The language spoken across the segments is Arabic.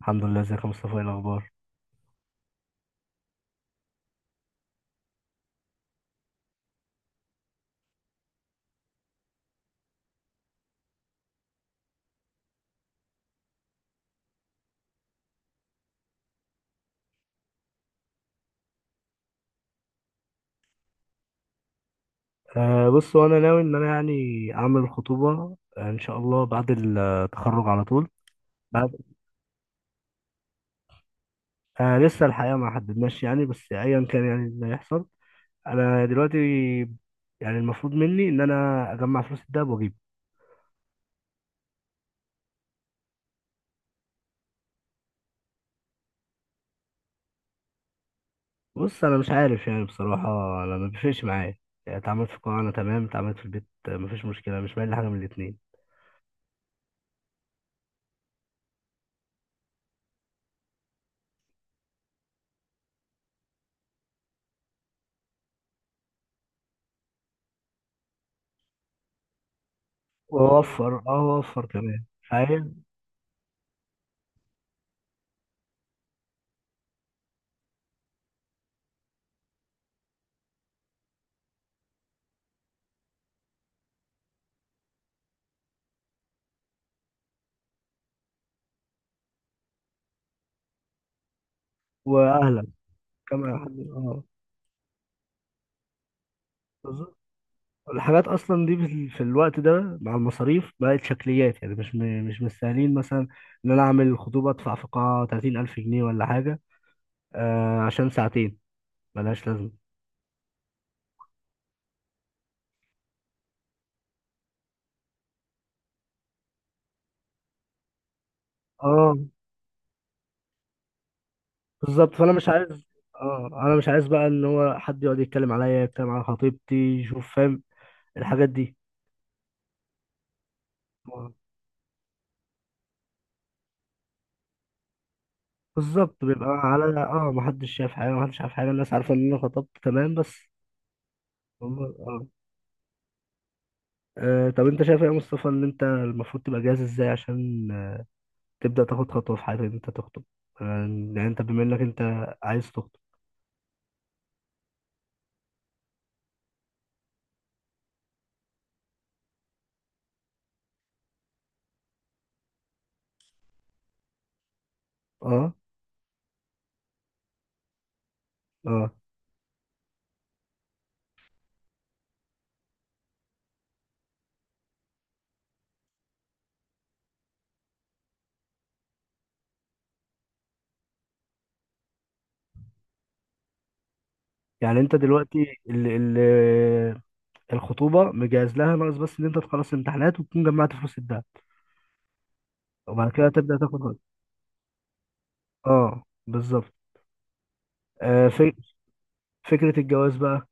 الحمد لله. ازيك يا مصطفى؟ ايه الاخبار؟ بص، وانا ناوي ان انا يعني اعمل الخطوبه، ان شاء الله بعد التخرج على طول. بعد أه لسه الحقيقه ما حددناش يعني، بس ايا كان يعني اللي هيحصل. انا دلوقتي يعني المفروض مني ان انا اجمع فلوس الدهب واجيبه. بص انا مش عارف يعني بصراحه، انا ما بيفرقش معايا. يعني اتعاملت في القاعه انا تمام، اتعاملت في البيت مفيش مشكله، مش مايل لحاجه من الاتنين. واوفر، اه واوفر كمان. فاهم. واهلا كمان حد. اه، الحاجات اصلا دي في في الوقت ده مع المصاريف بقت شكليات، يعني مش مستاهلين مثلا ان انا اعمل الخطوبه ادفع في قاعه 30000 جنيه ولا حاجه. آه، عشان ساعتين ملهاش لازمه. اه بالظبط، فانا مش عايز. اه انا مش عايز بقى ان هو حد يقعد يتكلم عليا، يتكلم على خطيبتي، يشوف، فاهم الحاجات دي. آه، بالظبط، بيبقى على اه محدش شايف حاجه، محدش عارف حاجه، الناس عارفه ان انا خطبت تمام بس. هم- اه آه، طب انت شايف ايه يا مصطفى ان انت المفروض تبقى جاهز ازاي عشان تبدأ تاخد خطوة في حياتك إن أنت تخطب؟ آه، يعني أنت بما إنك أنت عايز تخطب. أه. أه يعني أنت دلوقتي ال الخطوبة مجهز لها، ناقص بس إن أنت تخلص امتحانات وتكون جمعت فلوس الدهب وبعد كده تبدأ تاخد خطوة. أه بالظبط. آه، في فكرة الجواز بقى.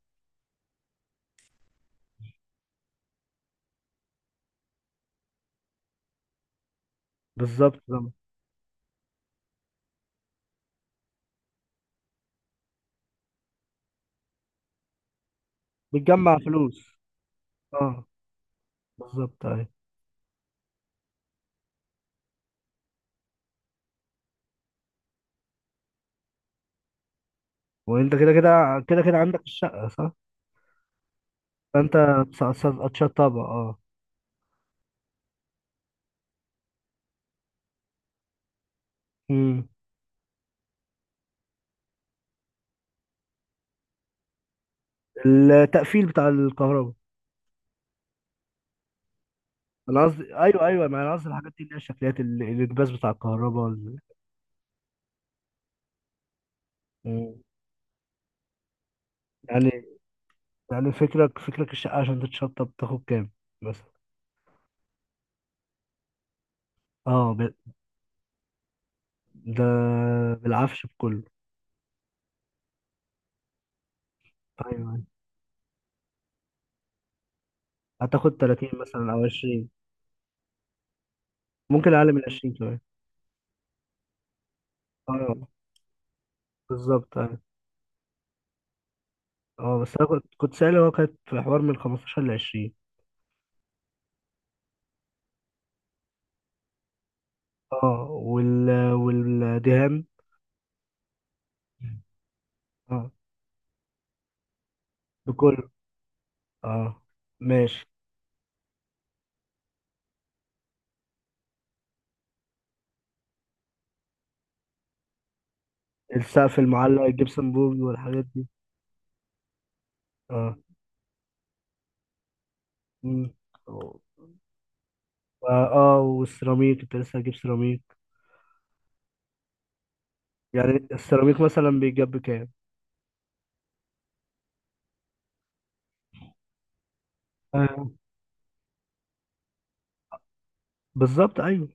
بالظبط طبعاً. بتجمع فلوس. أه بالظبط أيوة. وأنت كده كده كده كده عندك الشقة صح؟ فأنت هتشطبها أه. مم. التقفيل بتاع الكهرباء. انا قصدي ايوه ايوه، ما انا قصدي الحاجات دي اللي هي الشكليات، الانكباس بتاع الكهرباء مم. يعني، يعني فكرك الشقه عشان تتشطب بتاخد كام مثلا؟ اه ب... ده بالعفش بكله؟ ايوه أيوة. هتاخد 30 مثلا او 20؟ ممكن اقل من 20 كمان. اه بالظبط ايوه. اه بس انا كنت سالي، هو كانت في حوار من 15 ل 20. اه، والدهان اه بكله. اه ماشي. السقف المعلق، الجبسن بورد والحاجات دي. اه. مم. أو- فا اه والسيراميك، انت لسه هتجيب سيراميك؟ يعني السيراميك مثلا بيتجاب بكام؟ آه. بالظبط ايوه،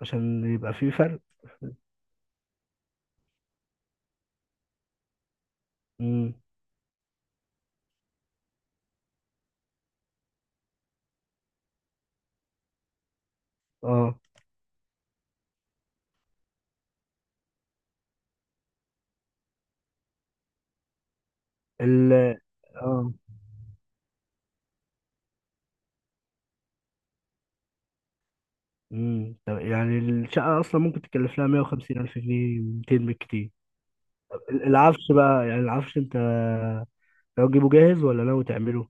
عشان يبقى في فرق. امم. اه ال اه امم، طب يعني الشقة اصلا ممكن تكلف لها 150 الف جنيه، 200 بالكتير. العفش بقى، يعني العفش انت لو تجيبه جاهز ولا ناوي تعمله؟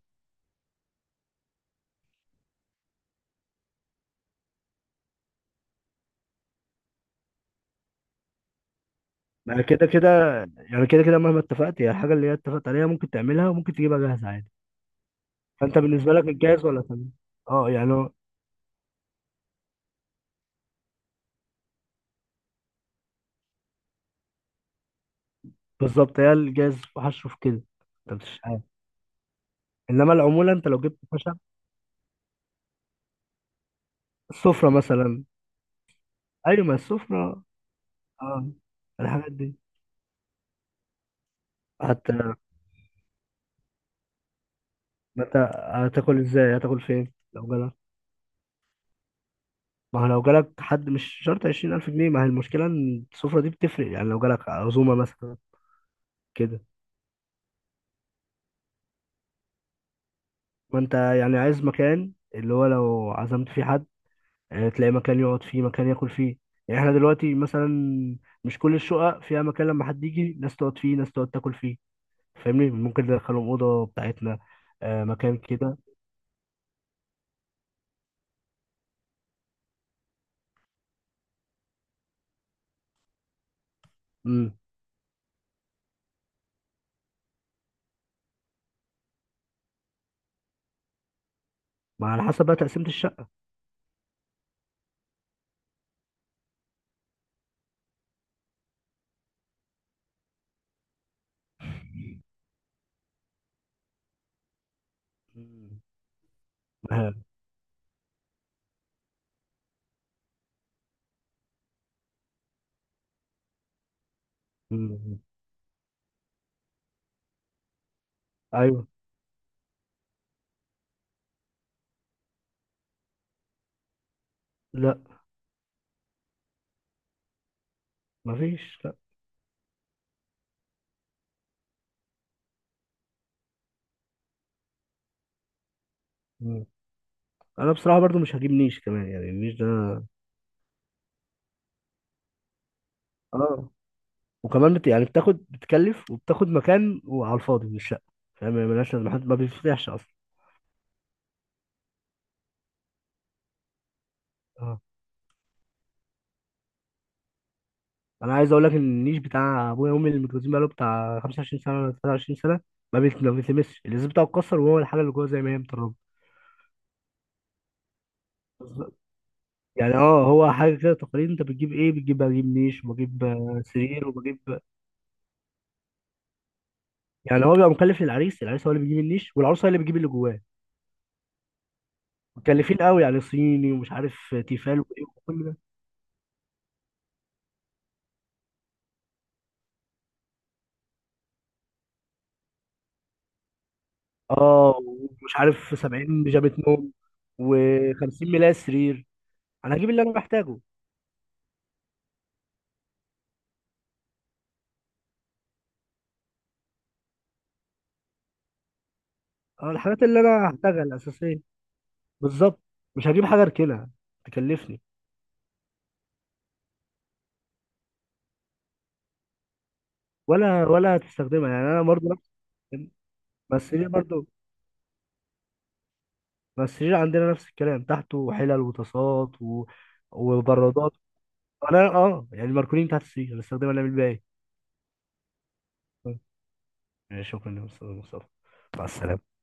ما كده كده، يعني كده كده مهما اتفقت هي الحاجة اللي هي اتفقت عليها، ممكن تعملها وممكن تجيبها جاهز عادي. فانت بالنسبة لك الجاهز ولا تعمل؟ اه يعني بالظبط، هي الجاز هشوف كده. انت مش عارف، انما العمولة انت لو جبت خشب. السفرة مثلا. ايوه ما السفرة. اه الحاجات دي. حتى ما انت هتاكل ازاي، هتاكل فين لو جالك؟ ما هو لو جالك حد مش شرط 20000 جنيه، ما هي المشكلة إن السفرة دي بتفرق، يعني لو جالك عزومة مثلا كده. ما أنت يعني عايز مكان اللي هو لو عزمت فيه حد تلاقي مكان يقعد فيه، مكان ياكل فيه. يعني إحنا دلوقتي مثلا مش كل الشقق فيها مكان لما حد يجي، ناس تقعد فيه، ناس تقعد تاكل فيه. فاهمني؟ ممكن ندخلهم اوضه بتاعتنا، آه مكان كده. امم ما على حسب بقى تقسيمه الشقه. مم. آه. مم. ايوه. لا مفيش لا. مم. انا بصراحه برضو مش هجيب نيش كمان، يعني النيش ده اه، يعني بتاخد، بتكلف، وبتاخد مكان وعلى الفاضي من الشقه. فاهم؟ يعني ملهاش لازمه، حد ما بيفتحش اصلا. اه، انا عايز اقول لك ان النيش بتاع ابويا وامي اللي متجوزين بقاله بتاع 25 سنه ولا 23 سنه، ما بيتلمسش، الازاز بتاعه اتكسر وهو الحاجه اللي جوه زي ما هي متربه. يعني اه، هو حاجه كده تقارير، انت بتجيب ايه؟ بتجيب، بجيب نيش، وبجيب سرير، وبجيب. يعني هو بيبقى مكلف للعريس، العريس هو اللي بيجيب النيش والعروسه هي اللي بتجيب اللي جواه. مكلفين قوي، يعني صيني، ومش عارف تيفال، وايه وكل ده. اه ومش عارف 70 بيجامه نوم و50 ملاية سرير. انا هجيب اللي انا محتاجه. اه الحاجات اللي انا هحتاجها الاساسيه. بالظبط مش هجيب حاجه اركنها تكلفني ولا، ولا هتستخدمها. يعني انا برضه نفس. بس ليه برضه. بس السرير عندنا نفس الكلام، تحته حلل وطاسات و... وبرادات. انا اه يعني ماركولين تحت السرير بنستخدمها نعمل بيها ايه؟ يعني شكرا يا استاذ مصطفى. مع السلامه.